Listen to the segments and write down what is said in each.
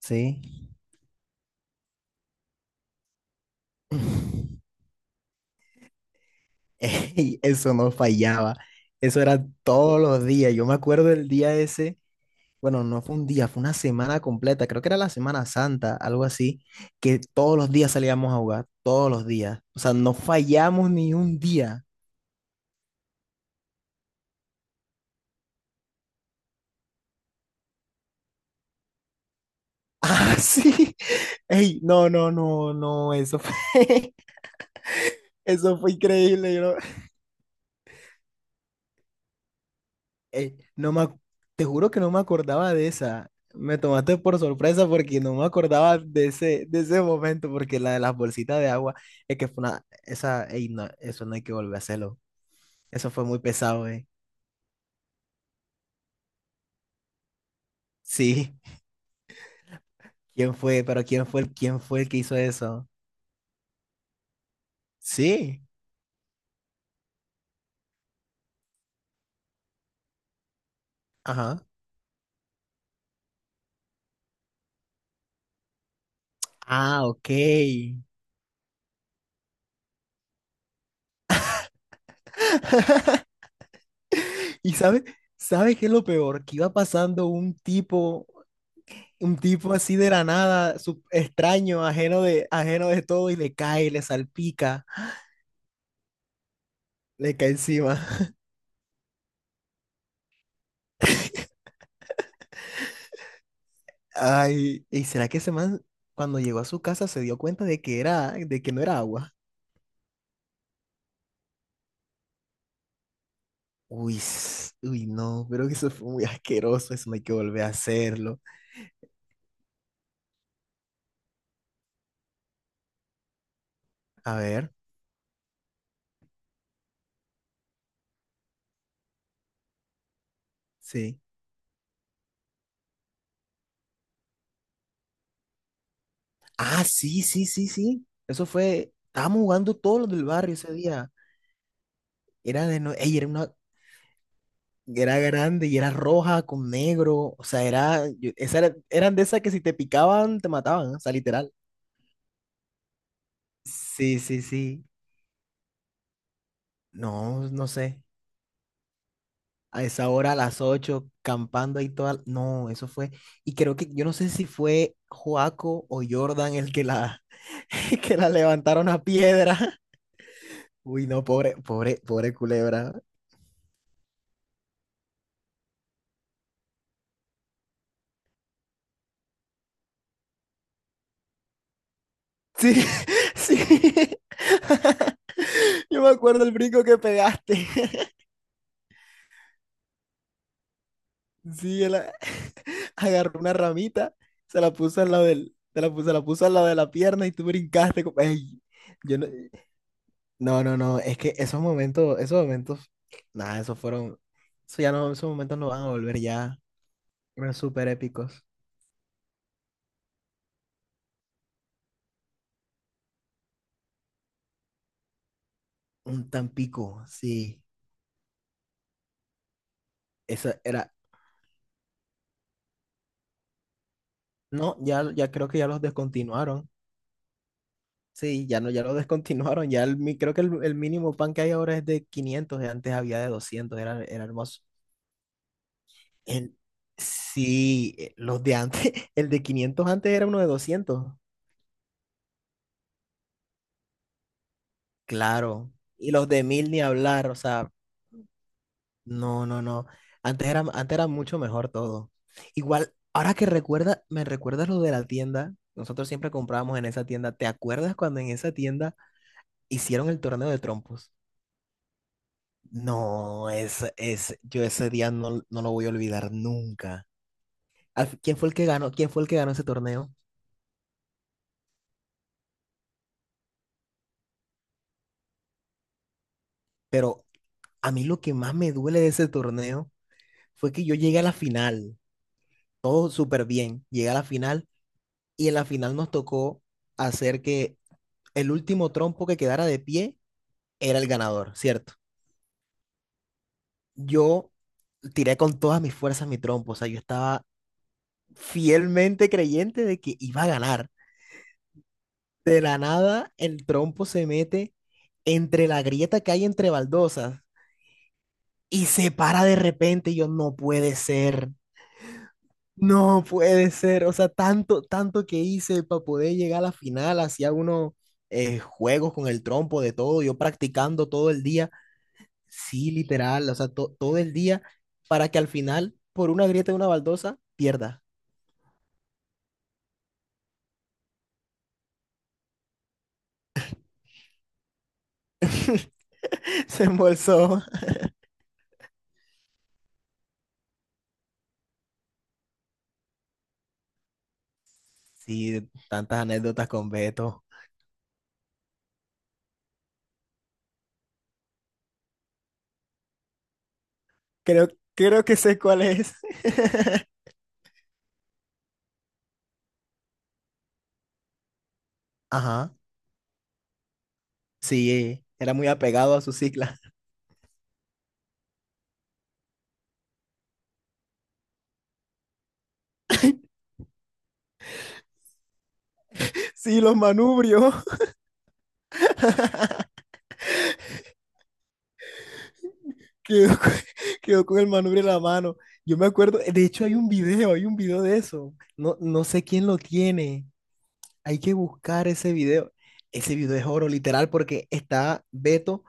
Sí. Ey, eso no fallaba. Eso era todos los días. Yo me acuerdo del día ese, bueno, no fue un día, fue una semana completa, creo que era la Semana Santa, algo así, que todos los días salíamos a jugar, todos los días. O sea, no fallamos ni un día. Ah, sí. Ey, no, no, no, no, eso fue, eso fue increíble. Yo no- Ey, no me, ac- te juro que no me acordaba de esa. Me tomaste por sorpresa porque no me acordaba de ese momento, porque la de las bolsitas de agua, es que fue una, esa, ey, no, eso no hay que volver a hacerlo. Eso fue muy pesado, eh. Sí. ¿Quién fue? Pero ¿quién fue el, que hizo eso? Sí. Ajá. Ah, ok. ¿Y sabes, sabes qué es lo peor? Que iba pasando un tipo así de la nada, extraño, ajeno de todo, y le cae, le salpica. Le cae encima. Ay, ¿y será que ese man cuando llegó a su casa se dio cuenta de que era, de que no era agua? Uy, no, creo que eso fue muy asqueroso, eso no hay que volver a hacerlo. A ver, sí. Ah, sí, sí, sí, sí. Eso fue, estábamos jugando todos los del barrio ese día. Era de no, ey, era una, era grande y era roja con negro, o sea, era, eran de esas que si te picaban te mataban, o sea, literal. Sí, sí, sí. No, no sé. A esa hora, a las 8 campando ahí toda. No, eso fue. Y creo que yo no sé si fue Joaco o Jordan el que la, el que la levantaron a piedra. Uy, no, pobre, pobre, pobre culebra. Sí, sí. Yo me acuerdo el brinco que pegaste. Sí, agarró una ramita, se la puso al lado del, se la puso al lado de la pierna y tú brincaste. Ey, yo no- No, no, no, es que esos momentos, nada, esos fueron, eso ya no, esos momentos no van a volver ya, eran súper épicos. Un Tampico, sí, eso era, no, ya creo que ya los descontinuaron, sí, ya no, ya los descontinuaron, creo que el mínimo pan que hay ahora es de 500 y antes había de 200 era hermoso. El, sí, los de antes, el de 500 antes era uno de 200 claro, y los de 1000 ni hablar, o sea, no, no, no. Antes era mucho mejor todo. Igual, ahora que me recuerdas lo de la tienda. Nosotros siempre comprábamos en esa tienda. ¿Te acuerdas cuando en esa tienda hicieron el torneo de trompos? No, yo ese día no lo voy a olvidar nunca. ¿Quién fue el que ganó? ¿Quién fue el que ganó ese torneo? Pero a mí lo que más me duele de ese torneo fue que yo llegué a la final. Todo súper bien. Llegué a la final y en la final nos tocó hacer que el último trompo que quedara de pie era el ganador, ¿cierto? Yo tiré con todas mis fuerzas mi trompo, o sea, yo estaba fielmente creyente de que iba a ganar. De la nada, el trompo se mete entre la grieta que hay entre baldosas y se para de repente y yo, no puede ser, no puede ser, o sea, tanto, tanto que hice para poder llegar a la final, hacía unos juegos con el trompo de todo, yo practicando todo el día. Sí, literal, o sea, todo el día para que al final, por una grieta de una baldosa, pierda. Se embolsó. Sí, tantas anécdotas con Beto. Creo, creo que sé cuál es. Ajá, sí, era muy apegado a su cicla. Sí, los manubrios. Quedó, con- quedó con el manubrio en la mano. Yo me acuerdo, de hecho hay un video de eso. No, no sé quién lo tiene. Hay que buscar ese video. Ese video es oro, literal, porque está Beto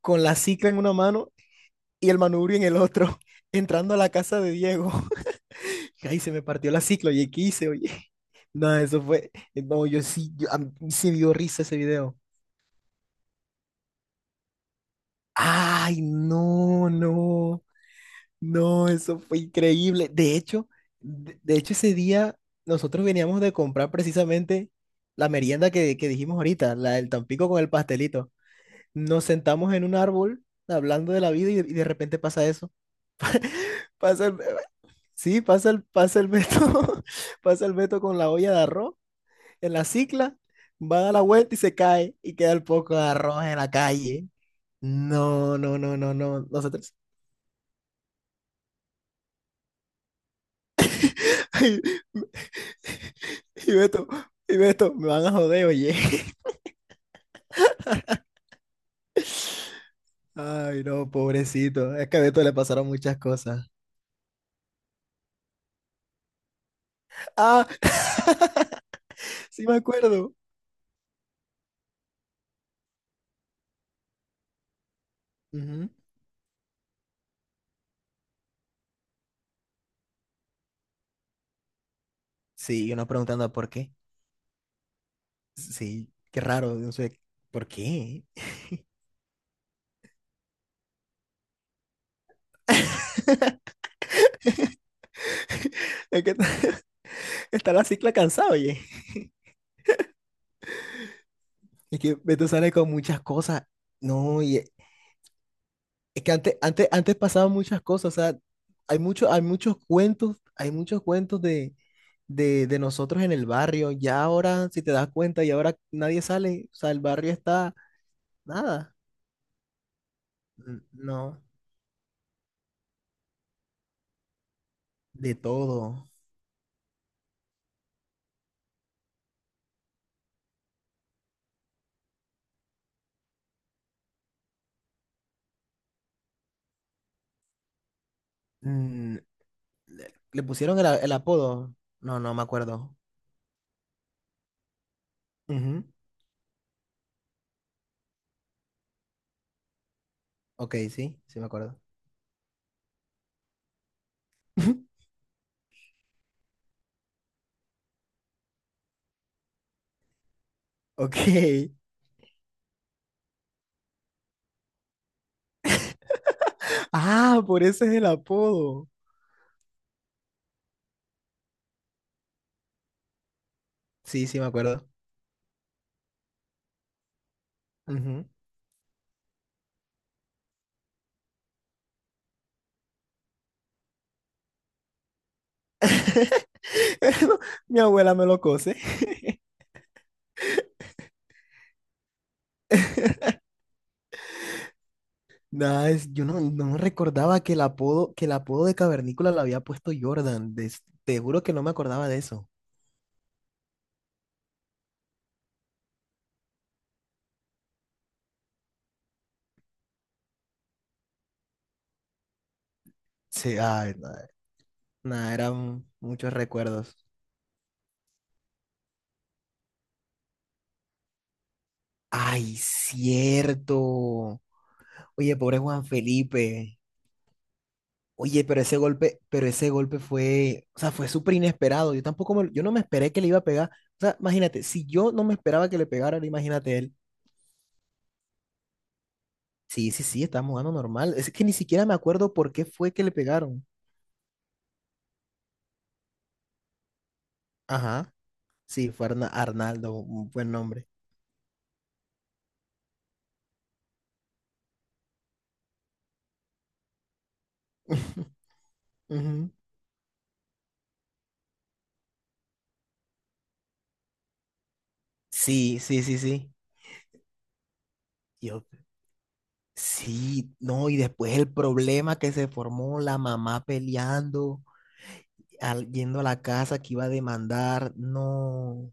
con la cicla en una mano y el manubrio en el otro, entrando a la casa de Diego. Ay, se me partió la cicla, oye, ¿qué hice, oye? No, eso fue, no, yo sí, a mí sí me dio risa ese video. Ay, no, no, no, eso fue increíble. De hecho, de hecho ese día nosotros veníamos de comprar precisamente la merienda que dijimos ahorita, la del Tampico con el pastelito. Nos sentamos en un árbol hablando de la vida y de repente pasa eso. Pasa el- Sí, pasa el Beto, pasa el Beto con la olla de arroz en la cicla, va a dar la vuelta y se cae y queda el poco de arroz en la calle. No, no, no, no, no, nosotros. Y y Beto, y Beto, me van a joder, oye. Ay, no, pobrecito. Es que a Beto le pasaron muchas cosas. Ah, sí me acuerdo. Ujú. Sí, uno preguntando por qué. Sí, qué raro, no sé, ¿por qué? Es que está la cicla cansada, oye. Es que Beto sale con muchas cosas. No, es que antes, antes, antes pasaban muchas cosas. O sea, hay muchos cuentos de nosotros en el barrio. Ya ahora, si te das cuenta, y ahora nadie sale. O sea, el barrio está nada. No, de todo. Mm, le pusieron el apodo. No, no me acuerdo. Ujú. Ok, sí, sí me acuerdo. Ok. Ah, por eso es el apodo. Sí, sí me acuerdo. Ujú. Mi abuela me lo cose. Nada, yo no recordaba que el apodo, de Cavernícola lo había puesto Jordan. Te juro que no me acordaba de eso. Sí, ay, nada, nada, eran muchos recuerdos. Ay, cierto. Oye, pobre Juan Felipe. Oye, pero ese golpe fue, o sea, fue súper inesperado. Yo tampoco yo no me esperé que le iba a pegar. O sea, imagínate, si yo no me esperaba que le pegara, ahora imagínate él. Sí, sí, sí, estábamos jugando normal. Es que ni siquiera me acuerdo por qué fue que le pegaron. Ajá. Sí, fue Arnaldo, un buen nombre. Ujú. Sí, sí, sí, sí. Yo, sí, no, y después el problema que se formó, la mamá peleando, yendo a la casa que iba a demandar, no.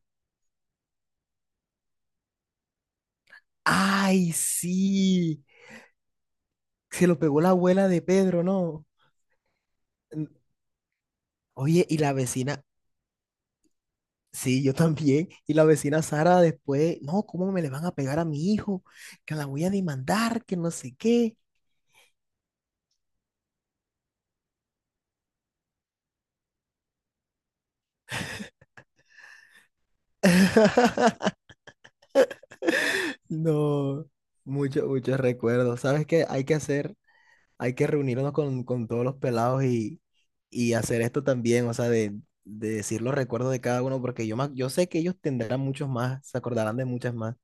¡Ay, sí! Se lo pegó la abuela de Pedro, ¿no? N- Oye, y la vecina, sí, yo también. Y la vecina Sara después, no, ¿cómo me le van a pegar a mi hijo? Que la voy a demandar, que no sé qué. No, muchos, muchos recuerdos. ¿Sabes qué? Hay que reunirnos con, todos los pelados y hacer esto también, o sea, de decir los recuerdos de cada uno, porque yo, me ac- yo sé que ellos tendrán muchos más, se acordarán de muchas más.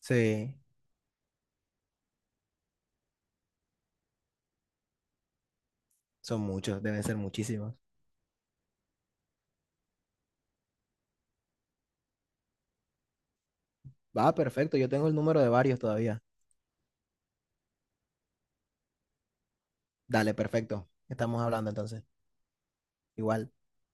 Sí, son muchos, deben ser muchísimos. Va, perfecto, yo tengo el número de varios todavía. Dale, perfecto. Estamos hablando entonces. Igual.